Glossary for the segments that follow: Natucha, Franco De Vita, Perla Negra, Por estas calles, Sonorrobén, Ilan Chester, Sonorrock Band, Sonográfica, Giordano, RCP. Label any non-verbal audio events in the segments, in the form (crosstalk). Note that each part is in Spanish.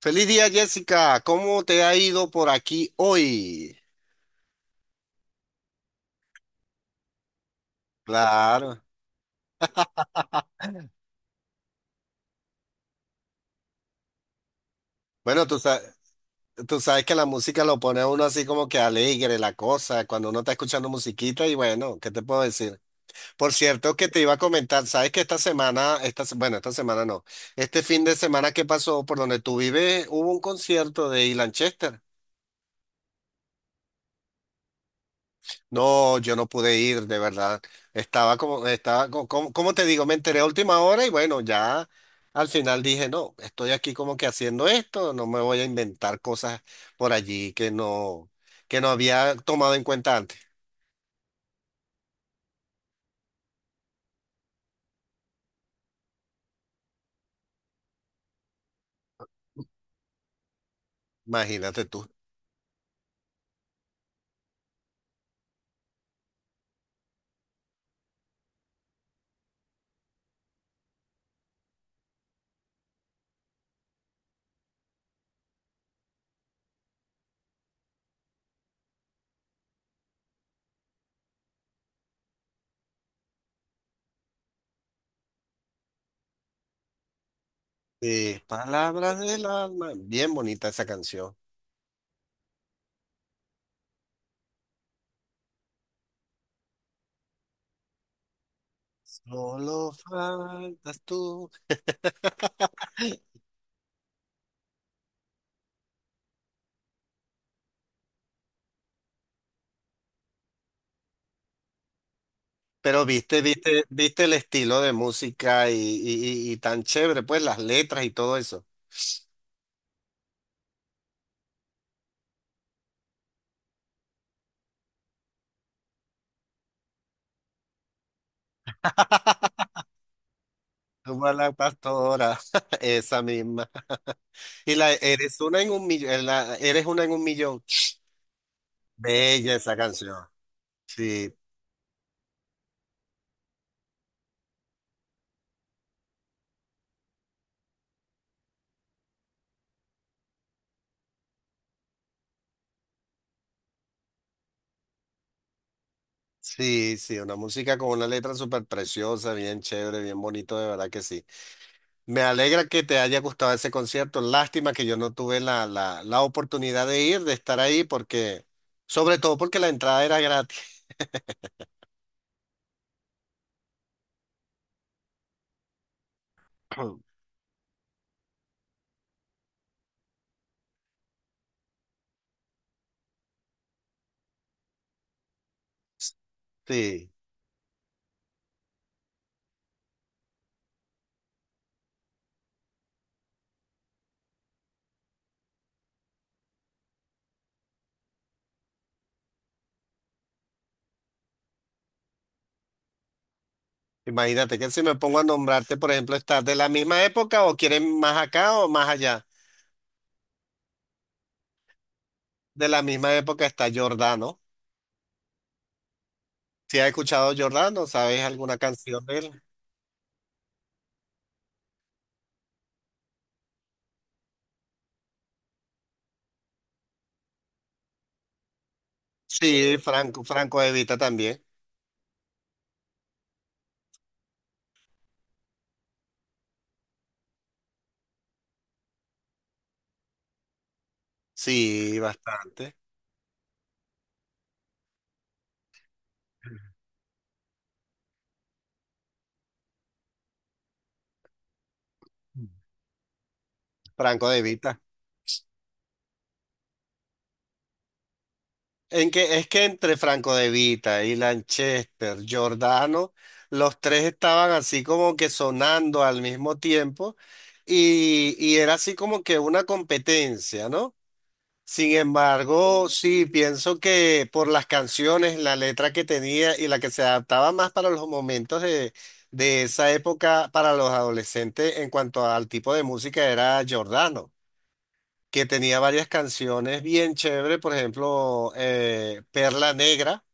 Feliz día, Jessica. ¿Cómo te ha ido por aquí hoy? Claro. Bueno, tú sabes que la música lo pone a uno así como que alegre, la cosa, cuando uno está escuchando musiquita y bueno, ¿qué te puedo decir? Por cierto, que te iba a comentar, sabes que esta semana, esta, se- bueno, esta semana no, este fin de semana que pasó por donde tú vives, hubo un concierto de Ilan Chester. No, yo no pude ir, de verdad. Estaba como, estaba, co- como, Como te digo, me enteré a última hora y bueno, ya al final dije, no, estoy aquí como que haciendo esto, no me voy a inventar cosas por allí que no había tomado en cuenta antes. Imagínate tú. Palabras del alma, bien bonita esa canción. Solo faltas tú. (laughs) Pero viste el estilo de música y tan chévere, pues las letras y todo eso. Como a la pastora, (laughs) esa misma. Y la eres una en un millón, eres una en un millón. Bella esa canción. Sí, sí, una música con una letra súper preciosa, bien chévere, bien bonito, de verdad que sí. Me alegra que te haya gustado ese concierto. Lástima que yo no tuve la oportunidad de ir, de estar ahí, porque, sobre todo porque la entrada era gratis. (clears throat) Sí. Imagínate que si me pongo a nombrarte, por ejemplo, ¿estás de la misma época o quieres más acá o más allá? De la misma época está Giordano. Si has escuchado Giordano, ¿sabes alguna canción de él? Sí, Franco De Vita también. Sí, bastante. Franco De Vita. Es que entre Franco De Vita y Lanchester, Giordano, los tres estaban así como que sonando al mismo tiempo y, era así como que una competencia, ¿no? Sin embargo, sí, pienso que por las canciones, la letra que tenía y la que se adaptaba más para los momentos de esa época para los adolescentes en cuanto al tipo de música era Giordano, que tenía varias canciones bien chéveres, por ejemplo, Perla Negra,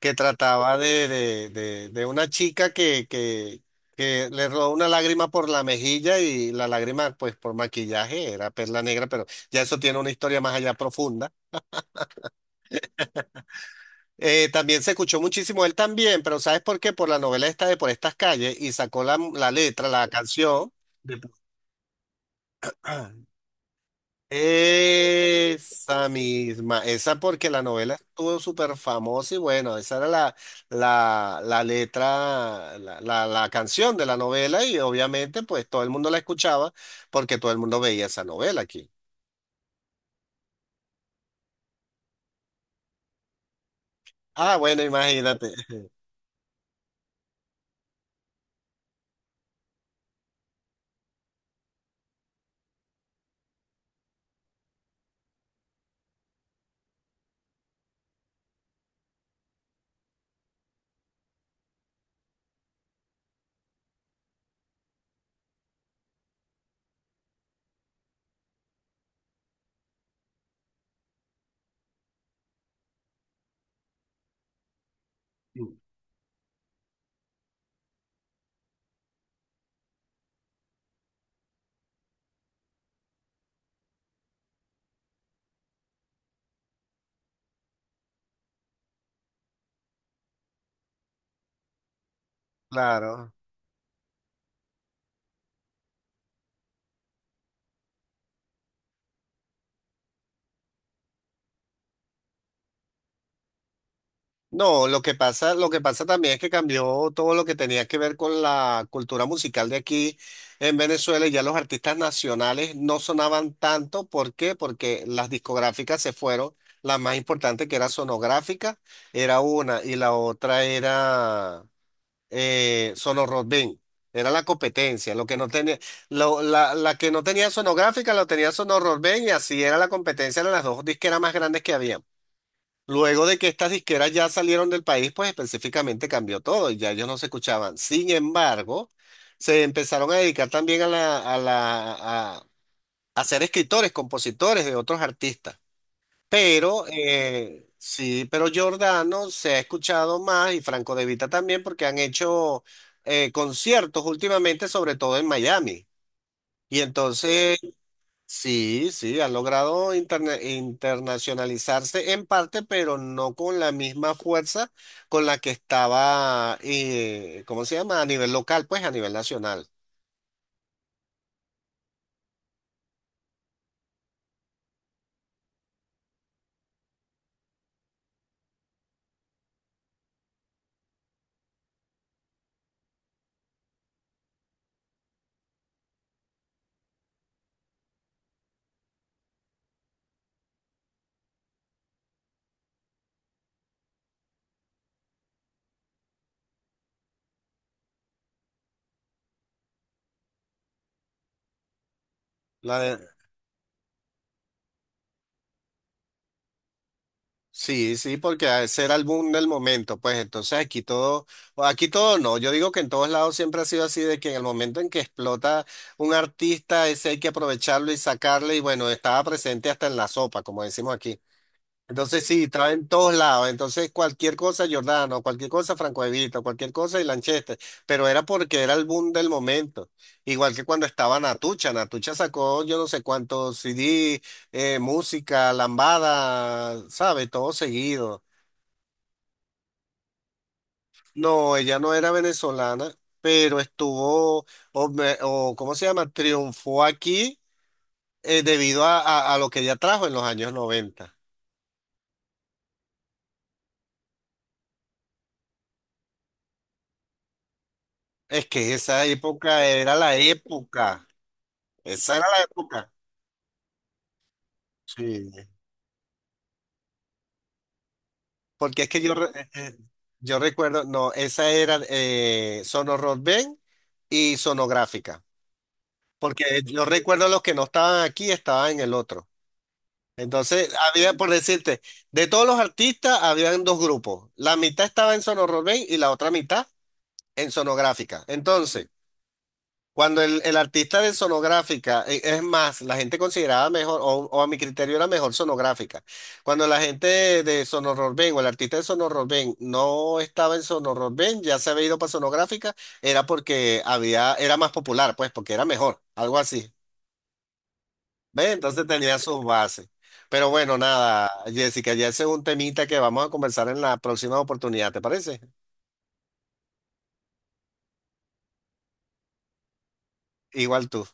que trataba de una chica que le rodó una lágrima por la mejilla y la lágrima pues por maquillaje era Perla Negra, pero ya eso tiene una historia más allá profunda. También se escuchó muchísimo él también, pero ¿sabes por qué? Por la novela esta de Por estas calles y sacó la letra, la canción. de- Por- (clears throat) Esa misma, esa porque la novela estuvo súper famosa y bueno, esa era la letra, la canción de la novela y obviamente pues todo el mundo la escuchaba porque todo el mundo veía esa novela aquí. Ah, bueno, imagínate. (laughs) Claro. No, lo que pasa también es que cambió todo lo que tenía que ver con la cultura musical de aquí en Venezuela y ya los artistas nacionales no sonaban tanto. ¿Por qué? Porque las discográficas se fueron. La más importante que era Sonográfica era una y la otra era Sonorrobén. Era la competencia. Lo que no tenía, lo- La que no tenía Sonográfica lo tenía Sonorrobén y así era la competencia de las dos disqueras más grandes que había. Luego de que estas disqueras ya salieron del país, pues específicamente cambió todo y ya ellos no se escuchaban. Sin embargo, se empezaron a dedicar también a ser escritores, compositores de otros artistas. Pero sí, pero Giordano se ha escuchado más y Franco De Vita también porque han hecho conciertos últimamente, sobre todo en Miami. Y entonces sí, ha logrado interna- internacionalizarse en parte, pero no con la misma fuerza con la que estaba, ¿cómo se llama? A nivel local, pues a nivel nacional. La de- sí, porque ese era el boom del momento, pues entonces o aquí todo no, yo digo que en todos lados siempre ha sido así, de que en el momento en que explota un artista, ese hay que aprovecharlo y sacarle, y bueno, estaba presente hasta en la sopa, como decimos aquí. Entonces sí, estaba en todos lados. Entonces cualquier cosa Giordano, cualquier cosa Franco Evita, cualquier cosa y Lanchester. Pero era porque era el boom del momento. Igual que cuando estaba Natucha. Natucha sacó yo no sé cuántos CD, música, lambada, ¿sabe? Todo seguido. No, ella no era venezolana, pero estuvo, ¿cómo se llama? Triunfó aquí debido a, a lo que ella trajo en los años 90. Es que esa época era la época. Esa era la época. Sí. Porque es que yo recuerdo, no, esa era Sonorrock Band y Sonográfica. Porque yo recuerdo los que no estaban aquí estaban en el otro. Entonces, había, por decirte, de todos los artistas, habían dos grupos. La mitad estaba en Sonorrock Band y la otra mitad en Sonográfica. Entonces, cuando el artista de Sonográfica, es más, la gente consideraba mejor, o a mi criterio era mejor Sonográfica. Cuando la gente de Sonorrobén o el artista de Sonorrobén no estaba en Sonorrobén, ya se había ido para Sonográfica, era porque había, era más popular, pues, porque era mejor, algo así. ¿Ves? Entonces tenía sus bases. Pero bueno, nada, Jessica, ya ese es un temita que vamos a conversar en la próxima oportunidad, ¿te parece? Igual tú.